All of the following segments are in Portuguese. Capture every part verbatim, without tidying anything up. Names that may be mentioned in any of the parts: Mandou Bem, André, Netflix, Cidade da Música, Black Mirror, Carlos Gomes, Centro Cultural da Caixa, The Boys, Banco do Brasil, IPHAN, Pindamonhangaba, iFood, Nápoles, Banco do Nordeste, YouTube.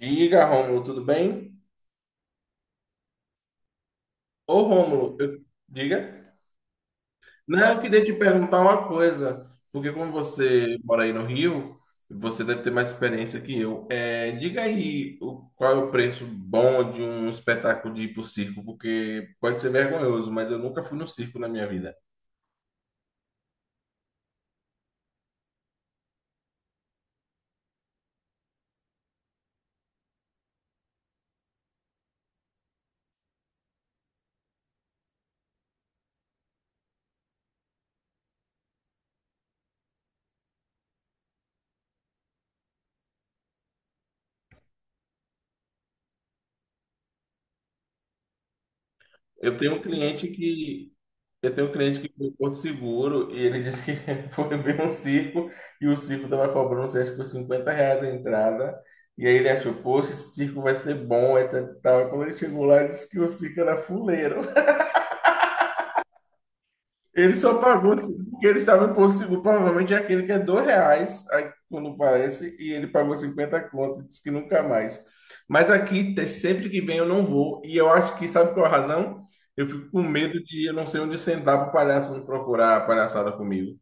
Diga, Rômulo, tudo bem? Ô, Rômulo, eu- diga. Não, eu queria te perguntar uma coisa, porque como você mora aí no Rio, você deve ter mais experiência que eu. É, diga aí o- qual é o preço bom de um espetáculo de ir pro circo, porque pode ser vergonhoso, mas eu nunca fui no circo na minha vida. Eu tenho um cliente que Eu tenho um cliente que foi em Porto Seguro e ele disse que foi ver um circo e o circo estava cobrando, não sei, acho que foi cinquenta reais a entrada. E aí ele achou, poxa, esse circo vai ser bom, etc e tal. E quando ele chegou lá, ele disse que o circo era fuleiro. Ele só pagou c- porque ele estava em Porto Seguro, provavelmente é aquele que é dois reais, aí, quando parece, e ele pagou cinquenta conto, e disse que nunca mais. Mas aqui, te- sempre que vem, eu não vou. E eu acho que, sabe qual é a razão? Eu fico com medo de eu não sei onde sentar para o palhaço não procurar a palhaçada comigo.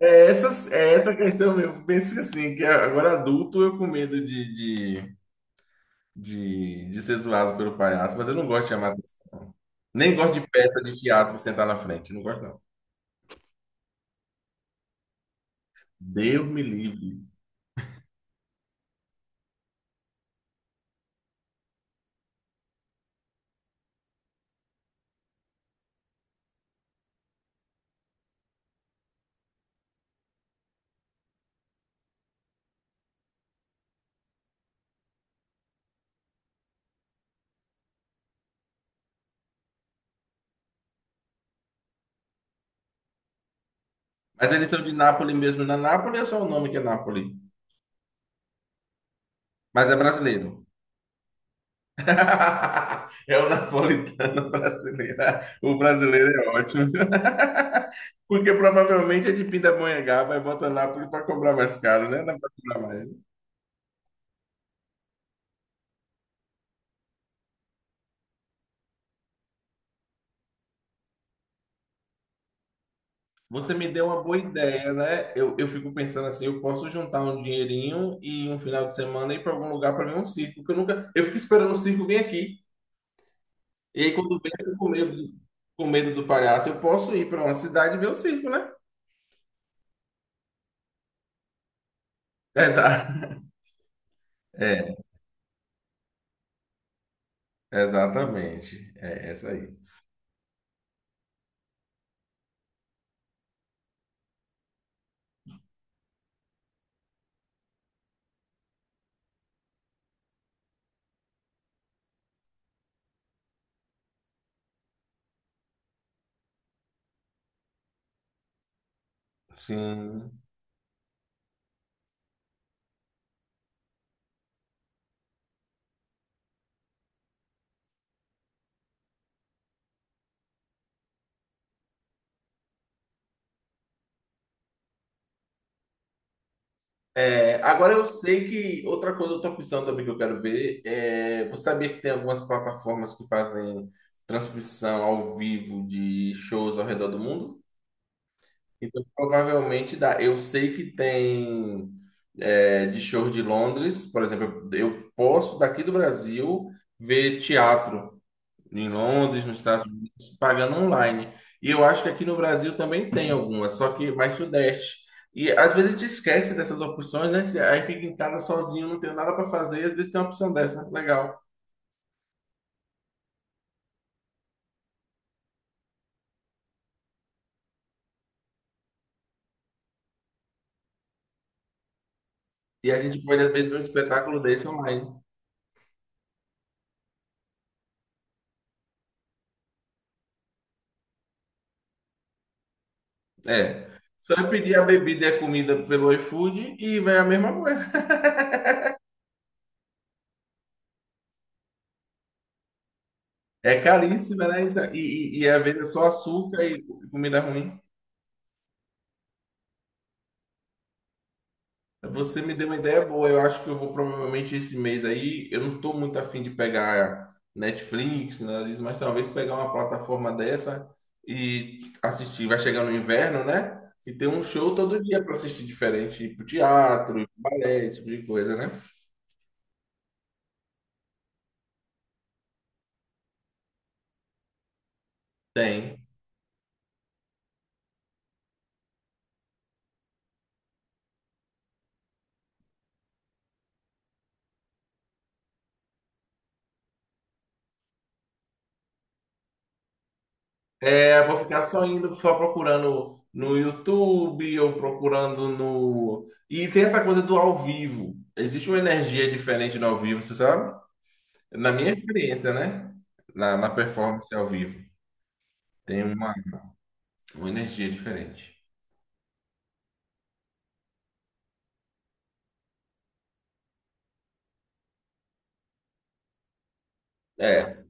É essa, é essa questão mesmo. Penso que assim, que agora adulto eu com medo de, de, de, de ser zoado pelo palhaço, mas eu não gosto de chamar atenção. Nem gosto de peça de teatro sentar na frente. Não gosto, não. Deus me livre. Mas eles são de Nápoles mesmo. Na Nápoles é só o nome que é Nápoles. Mas é brasileiro. É o napolitano brasileiro. O brasileiro é ótimo. Porque provavelmente é de Pindamonhangaba e bota Nápoles para cobrar mais caro, né? Não para cobrar mais. Você me deu uma boa ideia, né? Eu, eu fico pensando assim, eu posso juntar um dinheirinho e um final de semana ir para algum lugar para ver um circo, que eu nunca, eu fico esperando o circo vir aqui. E aí quando vem, eu fico com medo, do- com medo do palhaço, eu posso ir para uma cidade e ver o circo, né? Exato. É, exatamente. É essa aí. Sim. É, agora eu sei que outra coisa, outra opção também que eu quero ver é, você sabia que tem algumas plataformas que fazem transmissão ao vivo de shows ao redor do mundo? Então, provavelmente dá. Eu sei que tem é, de show de Londres, por exemplo, eu eu posso daqui do Brasil ver teatro em Londres, nos Estados Unidos, pagando online. E eu acho que aqui no Brasil também tem algumas, só que mais sudeste. E às vezes te esquece dessas opções, né? Se- Aí fica em casa sozinho, não tem nada para fazer, e às vezes tem uma opção dessa, legal. E a gente pode, às vezes, ver um espetáculo desse online. É. Só é pedir a bebida e a comida pelo iFood e vai a mesma conversa. É caríssima, né? Então, e, e, e às vezes é só açúcar e comida ruim. Você me deu uma ideia boa. Eu acho que eu vou provavelmente esse mês aí. Eu não tô muito afim de pegar Netflix, nada disso, mas talvez pegar uma plataforma dessa e assistir. Vai chegar no inverno, né? E ter um show todo dia para assistir diferente, tipo teatro, balé, esse tipo de coisa, né? Tem. É, vou ficar só indo, só procurando no YouTube ou procurando no. E tem essa coisa do ao vivo. Existe uma energia diferente no ao vivo, você sabe? Na minha experiência, né? Na, na performance ao vivo. Tem uma, uma energia diferente. É.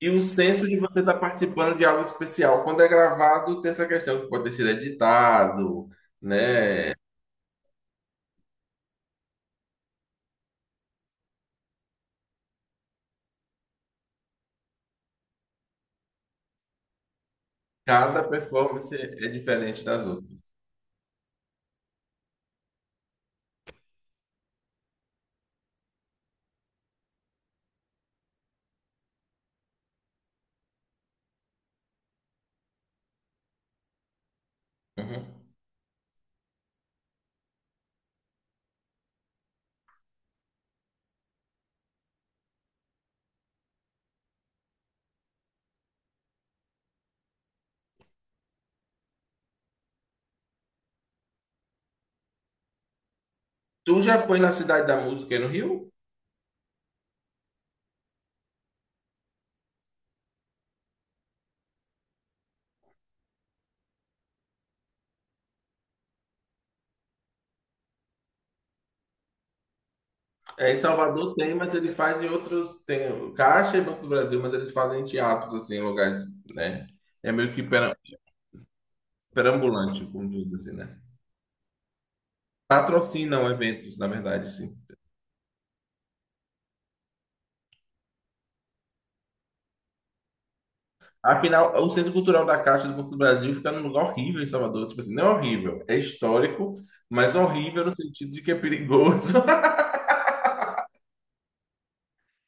E o senso de você estar participando de algo especial. Quando é gravado, tem essa questão que pode ter sido editado, né? Cada performance é diferente das outras. Uhum. Tu já foi na Cidade da Música aí no Rio? É, em Salvador tem, mas ele faz em outros. Tem o Caixa e Banco do Brasil, mas eles fazem em teatros, assim, em lugares, né? É meio que pera- perambulante, como diz assim, né? Patrocinam eventos, na verdade, sim. Afinal, o Centro Cultural da Caixa do Banco do Brasil fica num lugar horrível em Salvador. Tipo assim, não é horrível, é histórico, mas horrível no sentido de que é perigoso.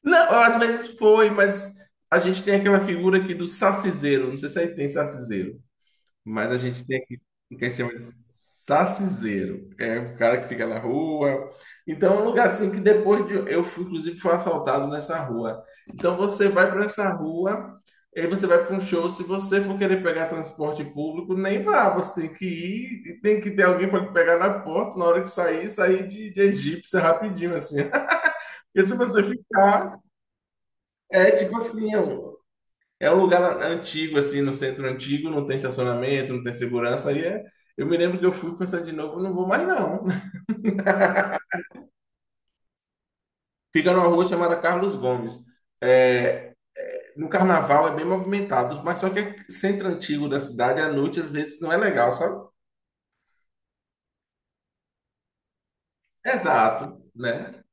Não, às vezes foi, mas a gente tem aquela figura aqui do saciseiro. Não sei se aí tem saciseiro. Mas a gente tem aqui o que a gente chama de saciseiro. É o cara que fica na rua. Então, é um lugar assim que depois de. Eu fui, inclusive, fui assaltado nessa rua. Então, você vai para essa rua, aí você vai para um show. Se você for querer pegar transporte público, nem vá. Você tem que ir, e tem que ter alguém para lhe pegar na porta na hora que sair, sair de, de egípcia rapidinho, assim. Porque se você ficar, é tipo assim, ó, é um lugar antigo, assim, no centro antigo, não tem estacionamento, não tem segurança. Aí é... eu me lembro que eu fui pensar de novo, não vou mais não. Fica numa rua chamada Carlos Gomes. É, no carnaval é bem movimentado, mas só que é centro antigo da cidade, à noite, às vezes não é legal, sabe? Exato, né?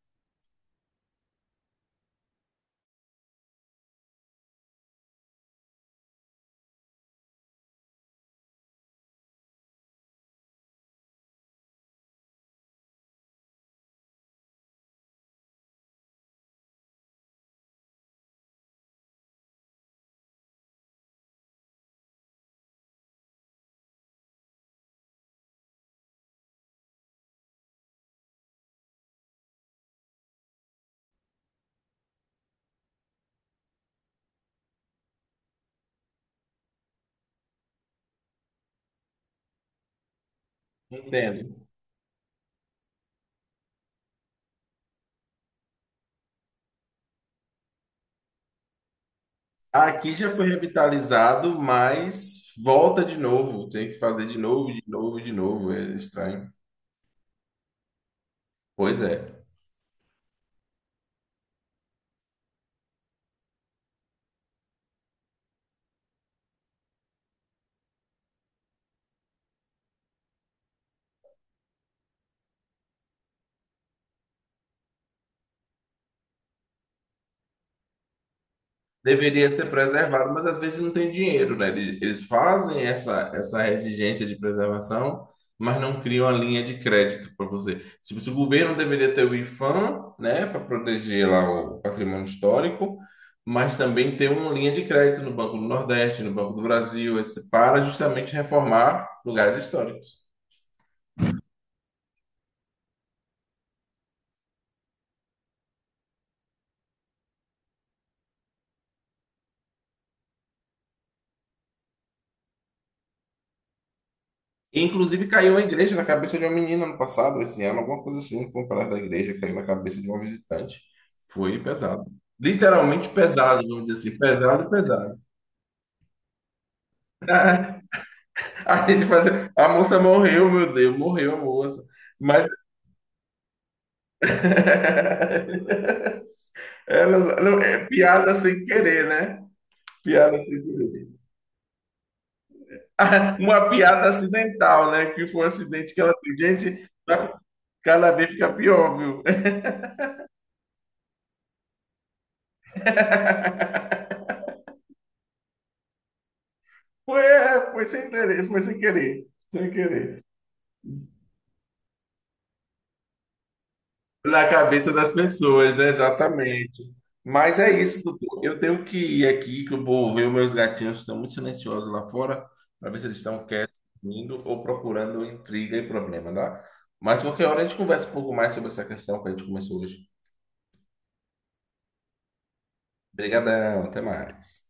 Entendo. Aqui já foi revitalizado, mas volta de novo. Tem que fazer de novo, de novo, de novo. É estranho. Pois é. Deveria ser preservado, mas às vezes não tem dinheiro, né? Eles eles fazem essa, essa exigência de preservação, mas não criam a linha de crédito para você. Se o governo deveria ter o IPHAN, né, para proteger lá o patrimônio histórico, mas também ter uma linha de crédito no Banco do Nordeste, no Banco do Brasil, esse, para justamente reformar lugares históricos. E, inclusive caiu a igreja na cabeça de uma menina no passado, esse ano, alguma coisa assim, foi um pedaço da igreja, caiu na cabeça de uma visitante. Foi pesado. Literalmente pesado, vamos dizer assim, pesado, pesado. A gente fazia, a moça morreu, meu Deus, morreu a moça. Mas ela, não, é piada sem querer, né? Piada sem querer. Uma piada acidental, né? Que foi um acidente que ela teve. Gente, cada vez fica pior, viu? Foi, é, foi sem querer, foi sem querer, sem querer. Na cabeça das pessoas, né? Exatamente. Mas é isso, doutor. Eu tenho que ir aqui, que eu vou ver os meus gatinhos que estão muito silenciosos lá fora, para ver se eles estão quietos, dormindo ou procurando intriga e problema, tá? Mas qualquer hora a gente conversa um pouco mais sobre essa questão que a gente começou hoje. Obrigadão, até mais.